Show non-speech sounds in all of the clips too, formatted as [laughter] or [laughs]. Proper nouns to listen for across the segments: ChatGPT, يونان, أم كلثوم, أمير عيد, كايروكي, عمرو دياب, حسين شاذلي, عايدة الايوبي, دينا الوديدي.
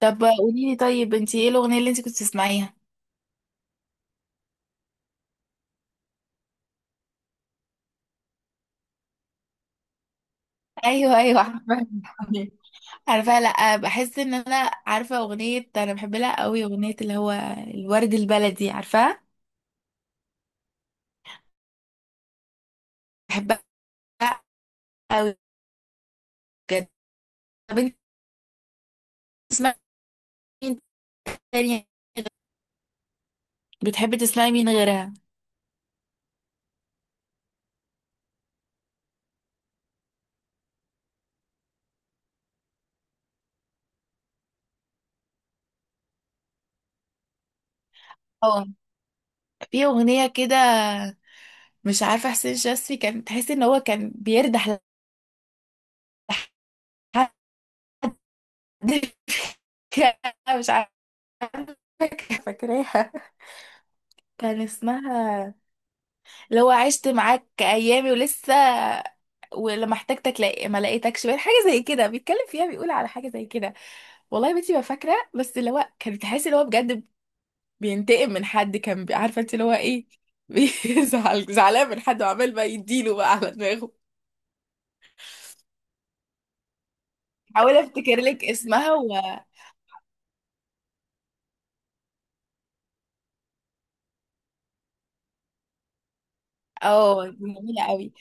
طب قولي لي طيب انت ايه الاغنيه اللي انت كنت تسمعيها؟ ايوه ايوه، عارفه. [laughs] عارفاها. لا بحس ان انا عارفه اغنيه انا بحب لها قوي، اغنيه اللي هو الورد البلدي، عارفاها؟ بحبها قوي بجد. طب انت بتسمعي مين تاني؟ بتحبي تسمعي مين غيرها؟ اه في اغنيه كده، مش عارفه، حسين شاذلي، كان تحس ان هو كان بيردح لحد. [laughs] مش عارفه، فاكراها، كان اسمها لو عشت معاك ايامي ولسه، ولما احتاجتك لا ما لقيتكش، بقى حاجه زي كده بيتكلم فيها، بيقول على حاجه زي كده. والله يا بنتي ما فاكره، بس اللي هو كان بتحس اللي هو بجد بينتقم من حد، كان عارفه انت اللي هو ايه؟ [laughs] بيزعل، زعلان من حد، وعمال بقى يديله بقى على دماغه. حاول افتكر لك اسمها و اه دي جميله قوي.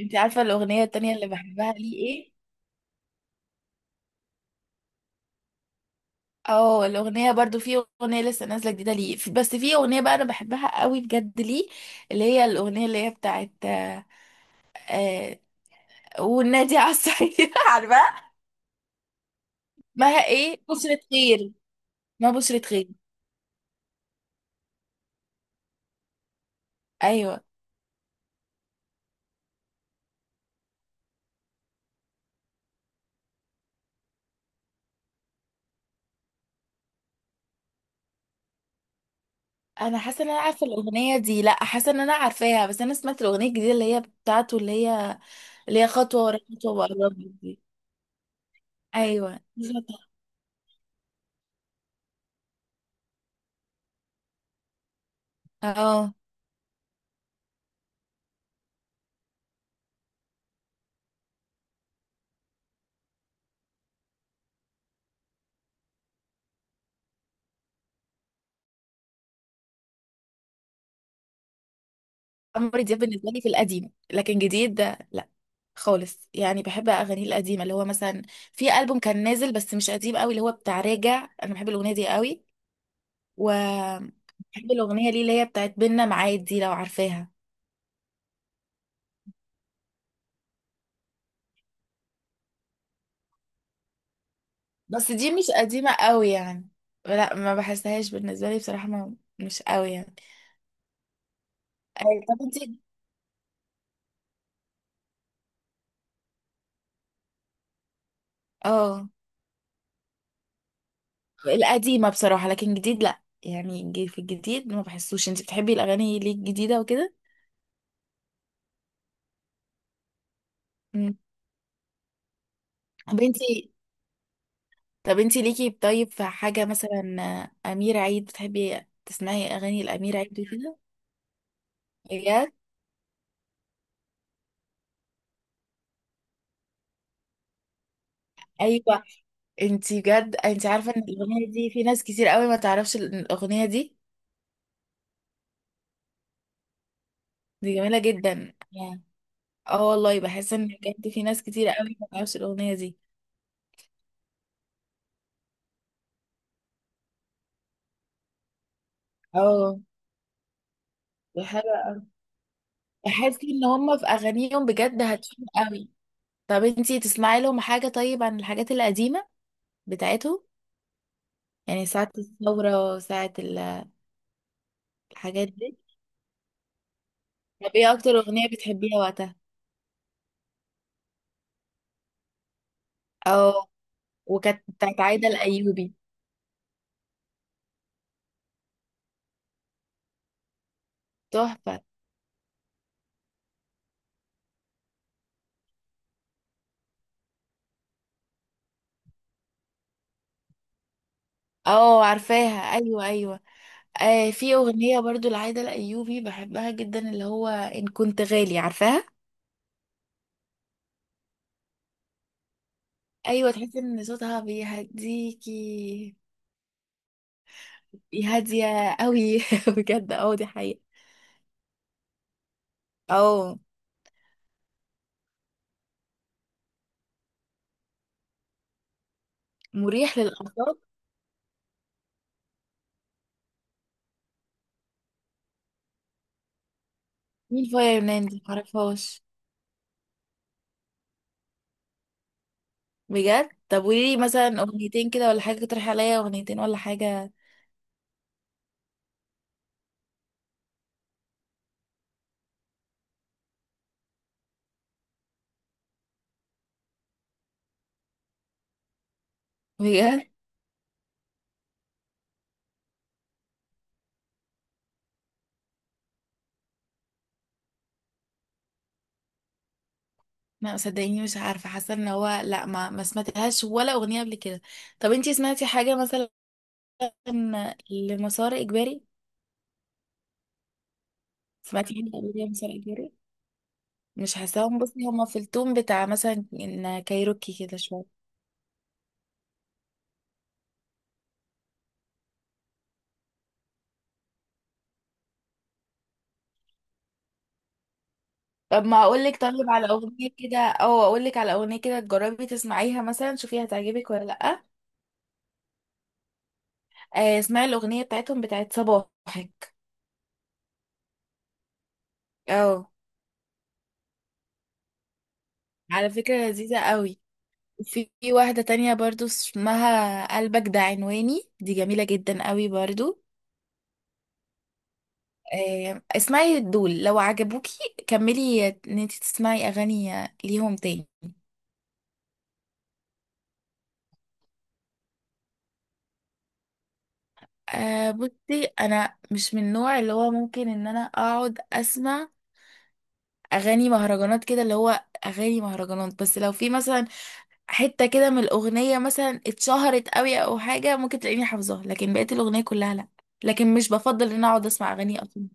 انت عارفه الاغنيه التانية اللي بحبها ليه ايه؟ اه الاغنيه برضو، في اغنيه لسه نازله جديده ليه بس في اغنيه بقى انا بحبها قوي بجد ليه، اللي هي الاغنيه اللي هي بتاعت آه، والنادي على الصعيد. [laughs] عارفه مها ايه؟ بشرة خير، ما بشرة خير. ايوه انا حاسه ان انا عارفه الاغنيه دي، لا حاسه ان انا عارفاها، بس انا سمعت الاغنيه الجديده اللي هي بتاعته، اللي هي خطوه ورا خطوه وقرب لي دي. ايوه بالظبط. اه عمرو دياب بالنسبه لي في القديم، لكن جديد ده لا خالص يعني. بحب اغانيه القديمه اللي هو مثلا في البوم كان نازل بس مش قديم قوي، اللي هو بتاع راجع، انا بحب الاغنيه دي قوي. وبحب الاغنيه ليه اللي هي بتاعت بينا معاد دي، لو عارفاها. بس دي مش قديمه قوي يعني، لا ما بحسهاش بالنسبه لي بصراحه، ما مش قوي يعني. طب انت. اه القديمه بصراحه، لكن جديد لا يعني، في الجديد ما بحسوش. انت بتحبي الاغاني ليه الجديده وكده؟ امم بنتي. طب انتي ليكي طيب في حاجة مثلا، أمير عيد، بتحبي تسمعي أغاني الأمير عيد وكده؟ بجد؟ أيوة. انتي بجد انتي عارفة ان الأغنية دي في ناس كتير قوي ما تعرفش الأغنية دي؟ دي جميلة جدا يعني. اه والله بحس ان بجد في ناس كتير قوي ما تعرفش الأغنية دي. اه بحب- بحس ان هما في أغانيهم بجد هادفين قوي. طب انتي تسمعي لهم حاجة طيب عن الحاجات القديمة بتاعتهم؟ يعني ساعة الثورة، ساعة الحاجات دي. طب ايه اكتر اغنية بتحبيها وقتها؟ او وكانت بتاعت عايدة الايوبي. تحفة. اه عارفاها، ايوه ايوه. آه في اغنية برضو لعايدة الايوبي بحبها جدا، اللي هو ان كنت غالي، عارفاها؟ ايوه تحسي ان صوتها بيهديكي، هادية قوي. [laughs] بجد اه دي حقيقة. اه مريح للاعصاب. مين فيا يونان دي؟ معرفهاش. بجد؟ طب قوليلي مثلا اغنيتين كده ولا حاجة، تقترحي عليا اغنيتين ولا حاجة. بجد؟ لا صدقيني مش عارفة، حاسة ان هو لا، ما سمعتهاش ولا اغنية قبل كده. طب انتي سمعتي حاجة مثلا لمسار اجباري؟ سمعتي حاجة قبل كده لمسار اجباري؟ مش حاساهم، بصي هما في التون بتاع مثلا ان كايروكي كده شوية. طب ما اقول لك طيب على اغنية كده، او اقول لك على اغنية كده تجربي تسمعيها مثلا، شوفي هتعجبك ولا لا؟ اسمعي الاغنية بتاعتهم بتاعت صباحك. اه على فكرة لذيذة قوي. في واحدة تانية برضو اسمها قلبك ده عنواني، دي جميلة جدا قوي برضو. اسمعي دول، لو عجبوكي كملي ان انت تسمعي اغاني ليهم تاني. أه بصي انا مش من النوع اللي هو ممكن ان انا اقعد اسمع اغاني مهرجانات كده، اللي هو اغاني مهرجانات، بس لو في مثلا حتة كده من الاغنية مثلا اتشهرت قوي او حاجة، ممكن تلاقيني حافظاها، لكن بقيت الاغنية كلها لا. لكن مش بفضل ان انا اقعد اسمع اغاني اصلا.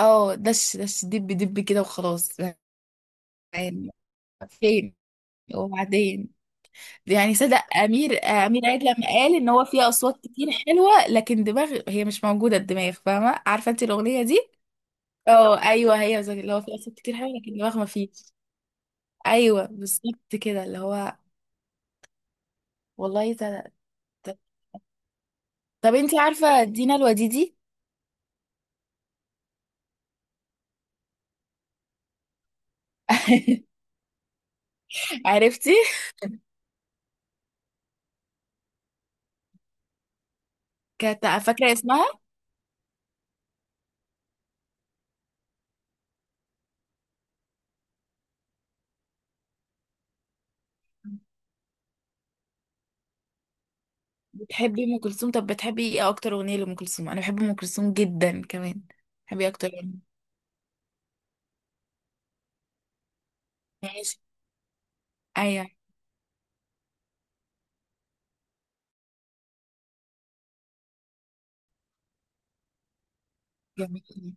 اه دش دش دب دب كده وخلاص يعني. فين؟ وبعدين يعني صدق امير عيد لما قال ان هو فيه اصوات كتير حلوه لكن دماغ هي مش موجوده، الدماغ، فاهمه؟ عارفه انت الاغنيه دي؟ اه ايوه، اللي هو فيه اصوات كتير حلوه لكن دماغ ما فيش. ايوه بالظبط كده اللي هو، والله صدق. طب انت عارفه دينا الوديدي؟ [laughs] عرفتي. كانت فاكره اسمها. بتحبي ام كلثوم؟ طب بتحبي ايه اكتر اغنيه لام كلثوم؟ انا بحب ام كلثوم جدا كمان. بحبي اكتر اغنيه. ماشي. ايوه. جميل.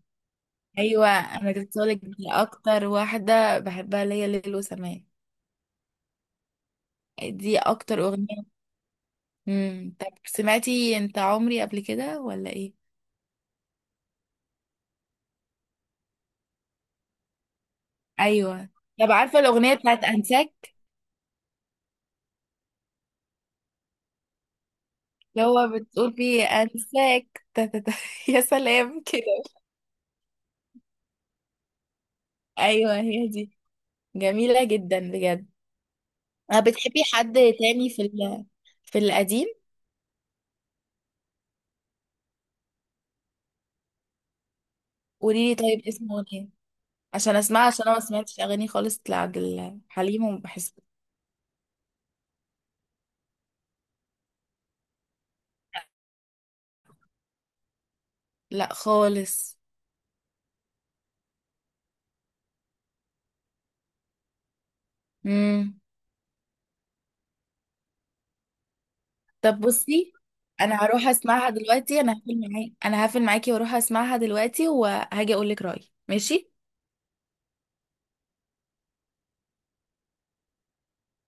ايوه انا كنت هقولك دي اكتر واحده بحبها ليا، ليل وسماء. دي اكتر اغنيه. طب سمعتي انت عمري قبل كده ولا ايه؟ ايوه. طب عارفه الاغنيه بتاعت انساك، اللي هو بتقول فيه انساك [laughs] تا تا تا. [laughs] يا سلام كده. ايوه هي دي. جميله جدا بجد. بتحبي حد تاني في ال... في القديم؟ قولي لي طيب اسمه ايه عشان اسمع، عشان انا ما سمعتش اغاني خالص لعبد الحليم وبحس. لا خالص. امم. طب بصي انا هروح اسمعها دلوقتي، انا هقفل معاكي، انا هقفل معاكي واروح اسمعها دلوقتي وهاجي اقول لك رايي، ماشي؟